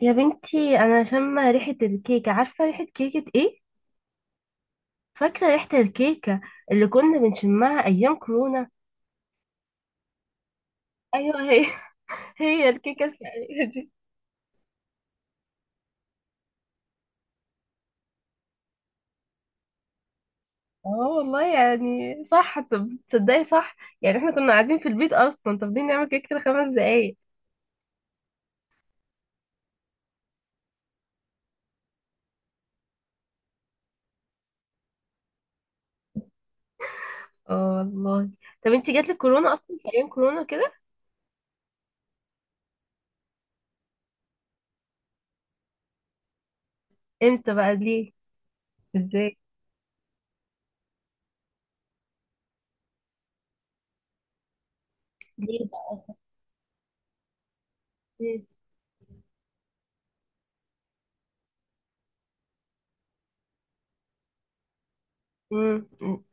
يا بنتي، انا شامه ريحه الكيكه. عارفه ريحه كيكه ايه؟ فاكره ريحه الكيكه اللي كنا بنشمها ايام كورونا. ايوه هي. هي الكيكه الفقريه دي. اه والله، يعني صح. طب تصدقي صح، يعني احنا كنا قاعدين في البيت اصلا، طب دي نعمل كيكه لـ5 دقايق. اه والله. طب انتي جاتلك كورونا اصلا في ايام كورونا كده؟ امتى بقى؟ ليه؟ ازاي؟ ليه بقى؟ ليه؟ مم.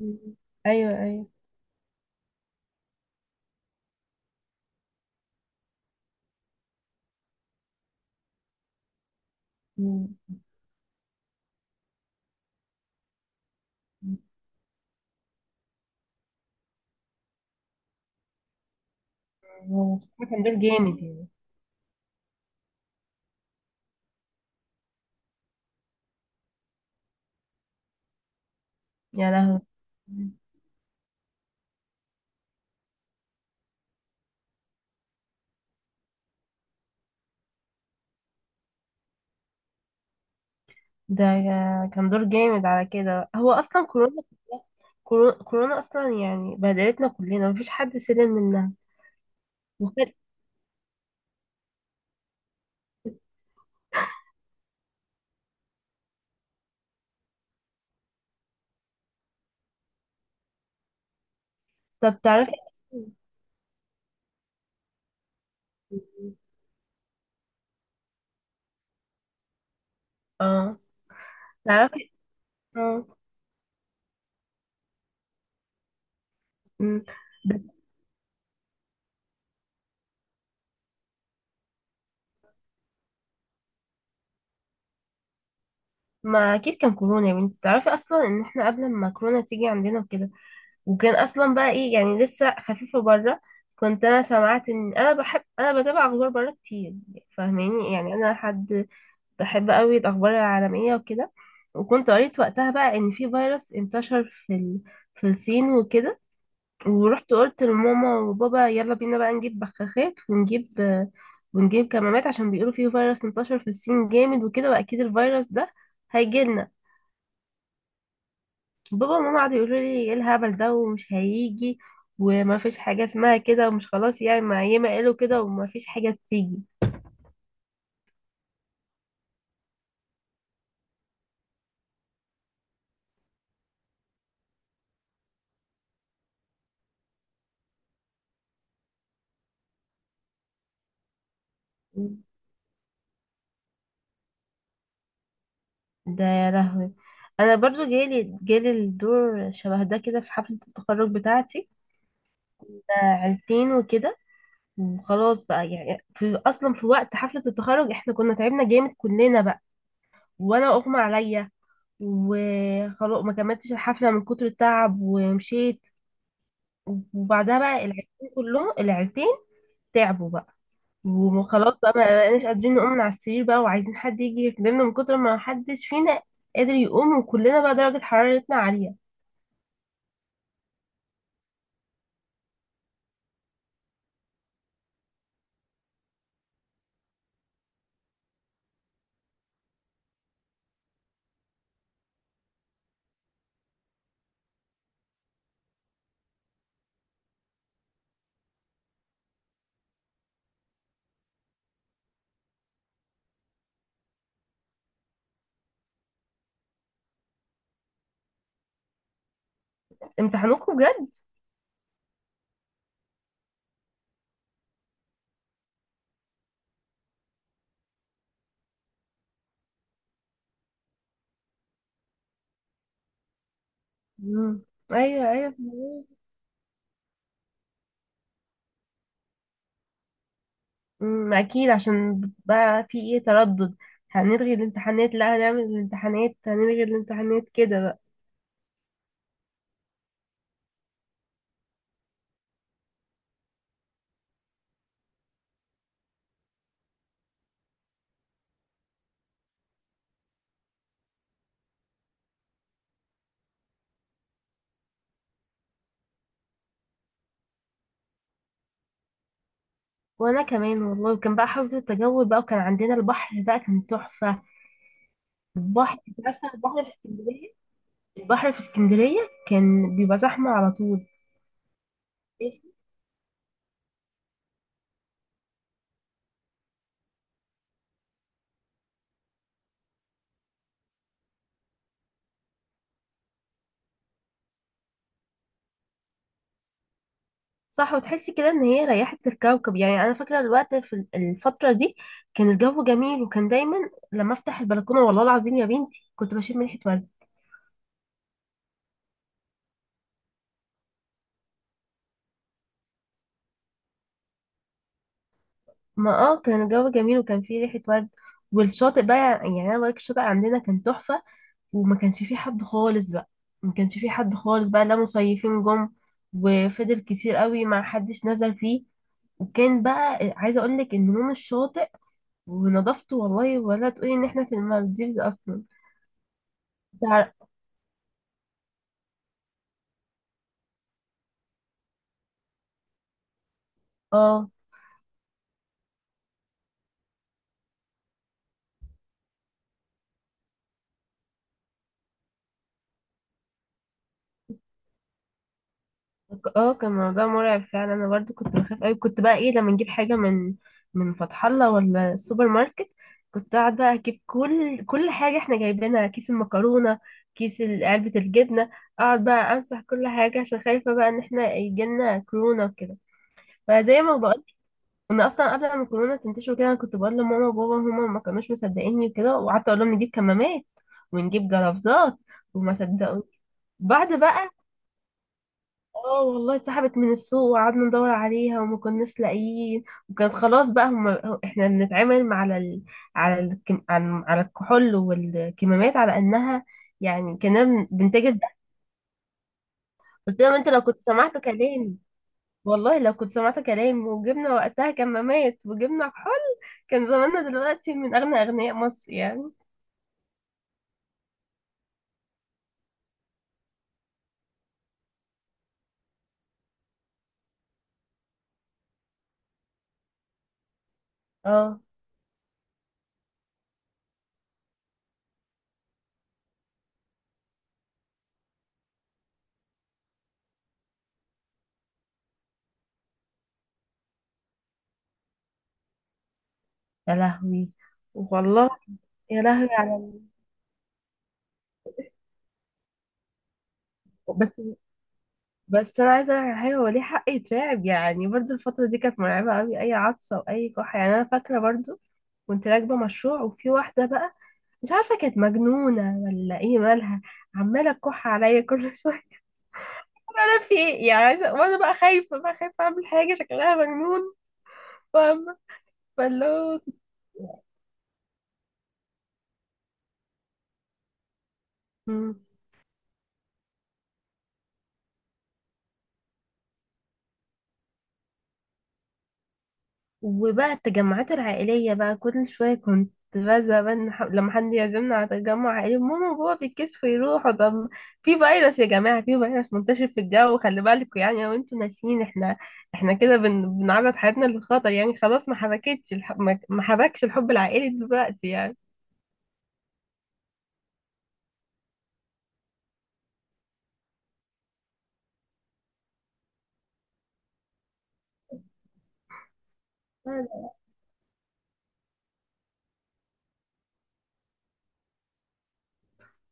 مم. ايوه ايوه. مم. هو كان دور جامد يعني. يا لهوي. ده كان دور جامد. على كده هو اصلا كورونا. كورونا اصلا، يعني بهدلتنا كلنا، مفيش حد سلم منها. وخد- طب تعرفي. اه. تعرفي. اه. أمم. ده- ما اكيد كان كورونا يا بنتي. تعرفي اصلا ان احنا قبل ما كورونا تيجي عندنا وكده، وكان اصلا بقى ايه، يعني لسه خفيفه بره. كنت انا سمعت ان انا بحب انا بتابع اخبار بره كتير. فاهماني يعني، انا حد بحب قوي الأخبار العالمية وكده. وكنت قريت وقتها بقى إن في فيروس انتشر في الصين وكده. ورحت قلت لماما وبابا، يلا بينا بقى نجيب بخاخات ونجيب كمامات، عشان بيقولوا فيه فيروس انتشر في الصين جامد وكده، وأكيد الفيروس ده هيجيلنا. بابا وماما قعدوا يقولوا لي ايه الهبل ده ومش هيجي، وما فيش حاجة اسمها كده، ومش خلاص يعني، ما ياما قالوا كده وما فيش حاجة تيجي. ده يا لهوي. انا برضو جالي الدور شبه ده كده في حفلة التخرج بتاعتي. عيلتين وكده. وخلاص بقى، يعني في وقت حفلة التخرج احنا كنا تعبنا جامد كلنا بقى، وانا اغمى عليا، وخلاص ما كملتش الحفلة من كتر التعب ومشيت. وبعدها بقى العيلتين تعبوا بقى، وخلاص بقى ما بقناش قادرين نقوم من على السرير بقى، وعايزين حد يجي يخدمنا من كتر ما حدش فينا قادر يقوم، وكلنا بقى درجة حرارتنا عالية. امتحانوكوا بجد؟ مم. ايوه ايوه. اكيد، عشان بقى في ايه، تردد، هنلغي الامتحانات، لا هنعمل الامتحانات، هنلغي الامتحانات كده بقى. وانا كمان والله، وكان بقى حظ التجول بقى، وكان عندنا البحر بقى كان تحفة. البحر، انت عارفة البحر في اسكندرية، البحر في اسكندرية كان بيبقى زحمة على طول. صح، وتحسي كده ان هي ريحت الكوكب يعني. انا فاكره الوقت في الفتره دي كان الجو جميل، وكان دايما لما افتح البلكونه والله العظيم يا بنتي كنت بشم ريحه ورد. ما اه كان الجو جميل وكان فيه ريحه ورد، والشاطئ بقى، يعني انا بقولك الشاطئ عندنا كان تحفه، وما كانش فيه حد خالص بقى. ما كانش فيه حد خالص بقى، لا مصيفين جم، وفضل كتير قوي ما حدش نزل فيه. وكان بقى عايزه اقول لك ان لون الشاطئ ونظافته، والله ولا تقولي ان احنا في المالديفز اصلا. تع- اه. اه، كان موضوع مرعب فعلا. انا برضو كنت بخاف قوي، كنت بقى ايه، لما نجيب حاجه من فتح الله ولا السوبر ماركت، كنت قاعده اجيب كل حاجه احنا جايبينها، كيس المكرونه، علبه الجبنه، اقعد بقى امسح كل حاجه عشان خايفه بقى ان احنا يجيلنا كورونا وكده. فزي ما بقول، انا اصلا قبل ما الكورونا تنتشر كده انا كنت بقول لماما وبابا، هما ما كانوش مصدقيني وكده، وقعدت اقول لهم نجيب كمامات ونجيب جرافزات وما صدقوا. بعد بقى اه والله اتسحبت من السوق، وقعدنا ندور عليها وما كناش لاقيين، وكان خلاص بقى، هم احنا بنتعامل مع على ال... على الكم... عن- على الكحول والكمامات على انها، يعني كنا بنتاجر ده. قلت لهم انت لو كنت سمعت كلامي، والله لو كنت سمعت كلامي وجبنا وقتها كمامات وجبنا كحول، كان زماننا دلوقتي من اغنى اغنياء مصر يعني. اه. يا لهوي. والله. يا لهوي على. بس بس انا عايزه اقول على حاجه، هو ليه حق يترعب يعني، برضو الفتره دي كانت مرعبه قوي، اي عطسه واي كحه، يعني انا فاكره برضو كنت راكبه مشروع، وفي واحده بقى مش عارفه كانت مجنونه ولا ايه مالها، عماله تكح عليا كل شويه. انا في ايه يعني، عايزه وانا بقى خايفه اعمل حاجه شكلها مجنون. فاهمه. فاللي هو. مم. وبقى التجمعات العائلية بقى كل شوية كنت بزهق بقى، إن لما حد يعزمنا على تجمع عائلي، ماما وبابا بيتكسفوا يروحوا. طب في فيروس يا جماعة، في فيروس منتشر في الجو، خلي بالكوا، يعني لو انتوا ناسيين احنا كده بنعرض حياتنا للخطر، يعني خلاص ما حبكش الحب العائلي دلوقتي يعني.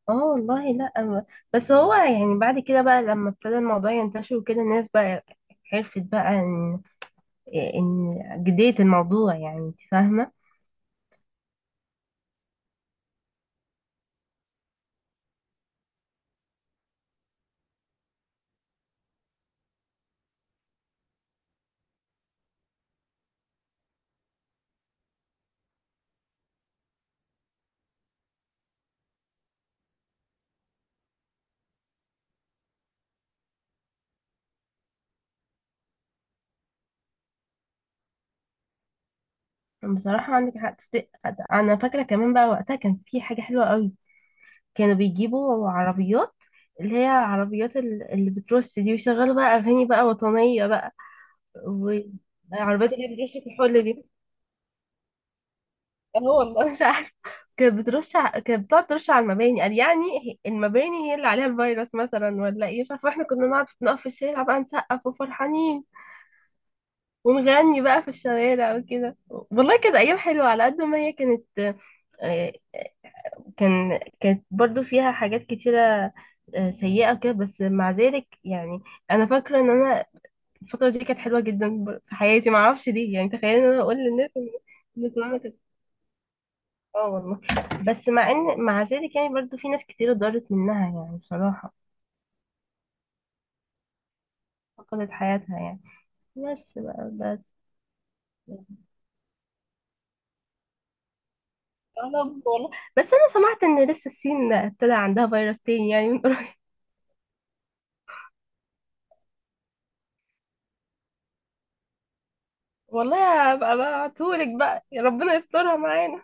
اه والله. لا. بس هو يعني بعد كده بقى لما ابتدى الموضوع ينتشر وكده، الناس بقى عرفت بقى ان جدية الموضوع يعني، انت فاهمة. بصراحة عندك حق، تصدق أنا فاكرة كمان بقى وقتها كان في حاجة حلوة قوي، كانوا بيجيبوا عربيات، اللي هي عربيات اللي بترص دي، ويشغلوا بقى أغاني بقى وطنية بقى، والعربيات اللي هي بترش في الحل دي. اه والله مش عارفة. كانت بترش كانت بتقعد ترش على المباني، قال يعني المباني هي اللي عليها الفيروس مثلا، ولا ايه مش عارفة، احنا كنا نقعد نقف في الشارع بقى نسقف وفرحانين، ونغني بقى في الشوارع وكده، والله كانت أيام حلوة على قد ما هي كانت. آه، كانت برضو فيها حاجات كتيرة سيئة كده، بس مع ذلك يعني. أنا فاكرة إن أنا الفترة دي كانت حلوة جدا في حياتي، معرفش ليه يعني، تخيل إن أنا أقول للناس إن كورونا كانت. آه والله. بس مع مع ذلك يعني، برضو في ناس كتير اتضرت منها يعني بصراحة، فقدت حياتها يعني. بس بقى بس. يا رب والله. بس أنا سمعت إن لسه الصين ابتدى عندها فيروس تاني يعني من قريب. والله هبقى بقى أبعتهولك بقى، يا ربنا يسترها معانا.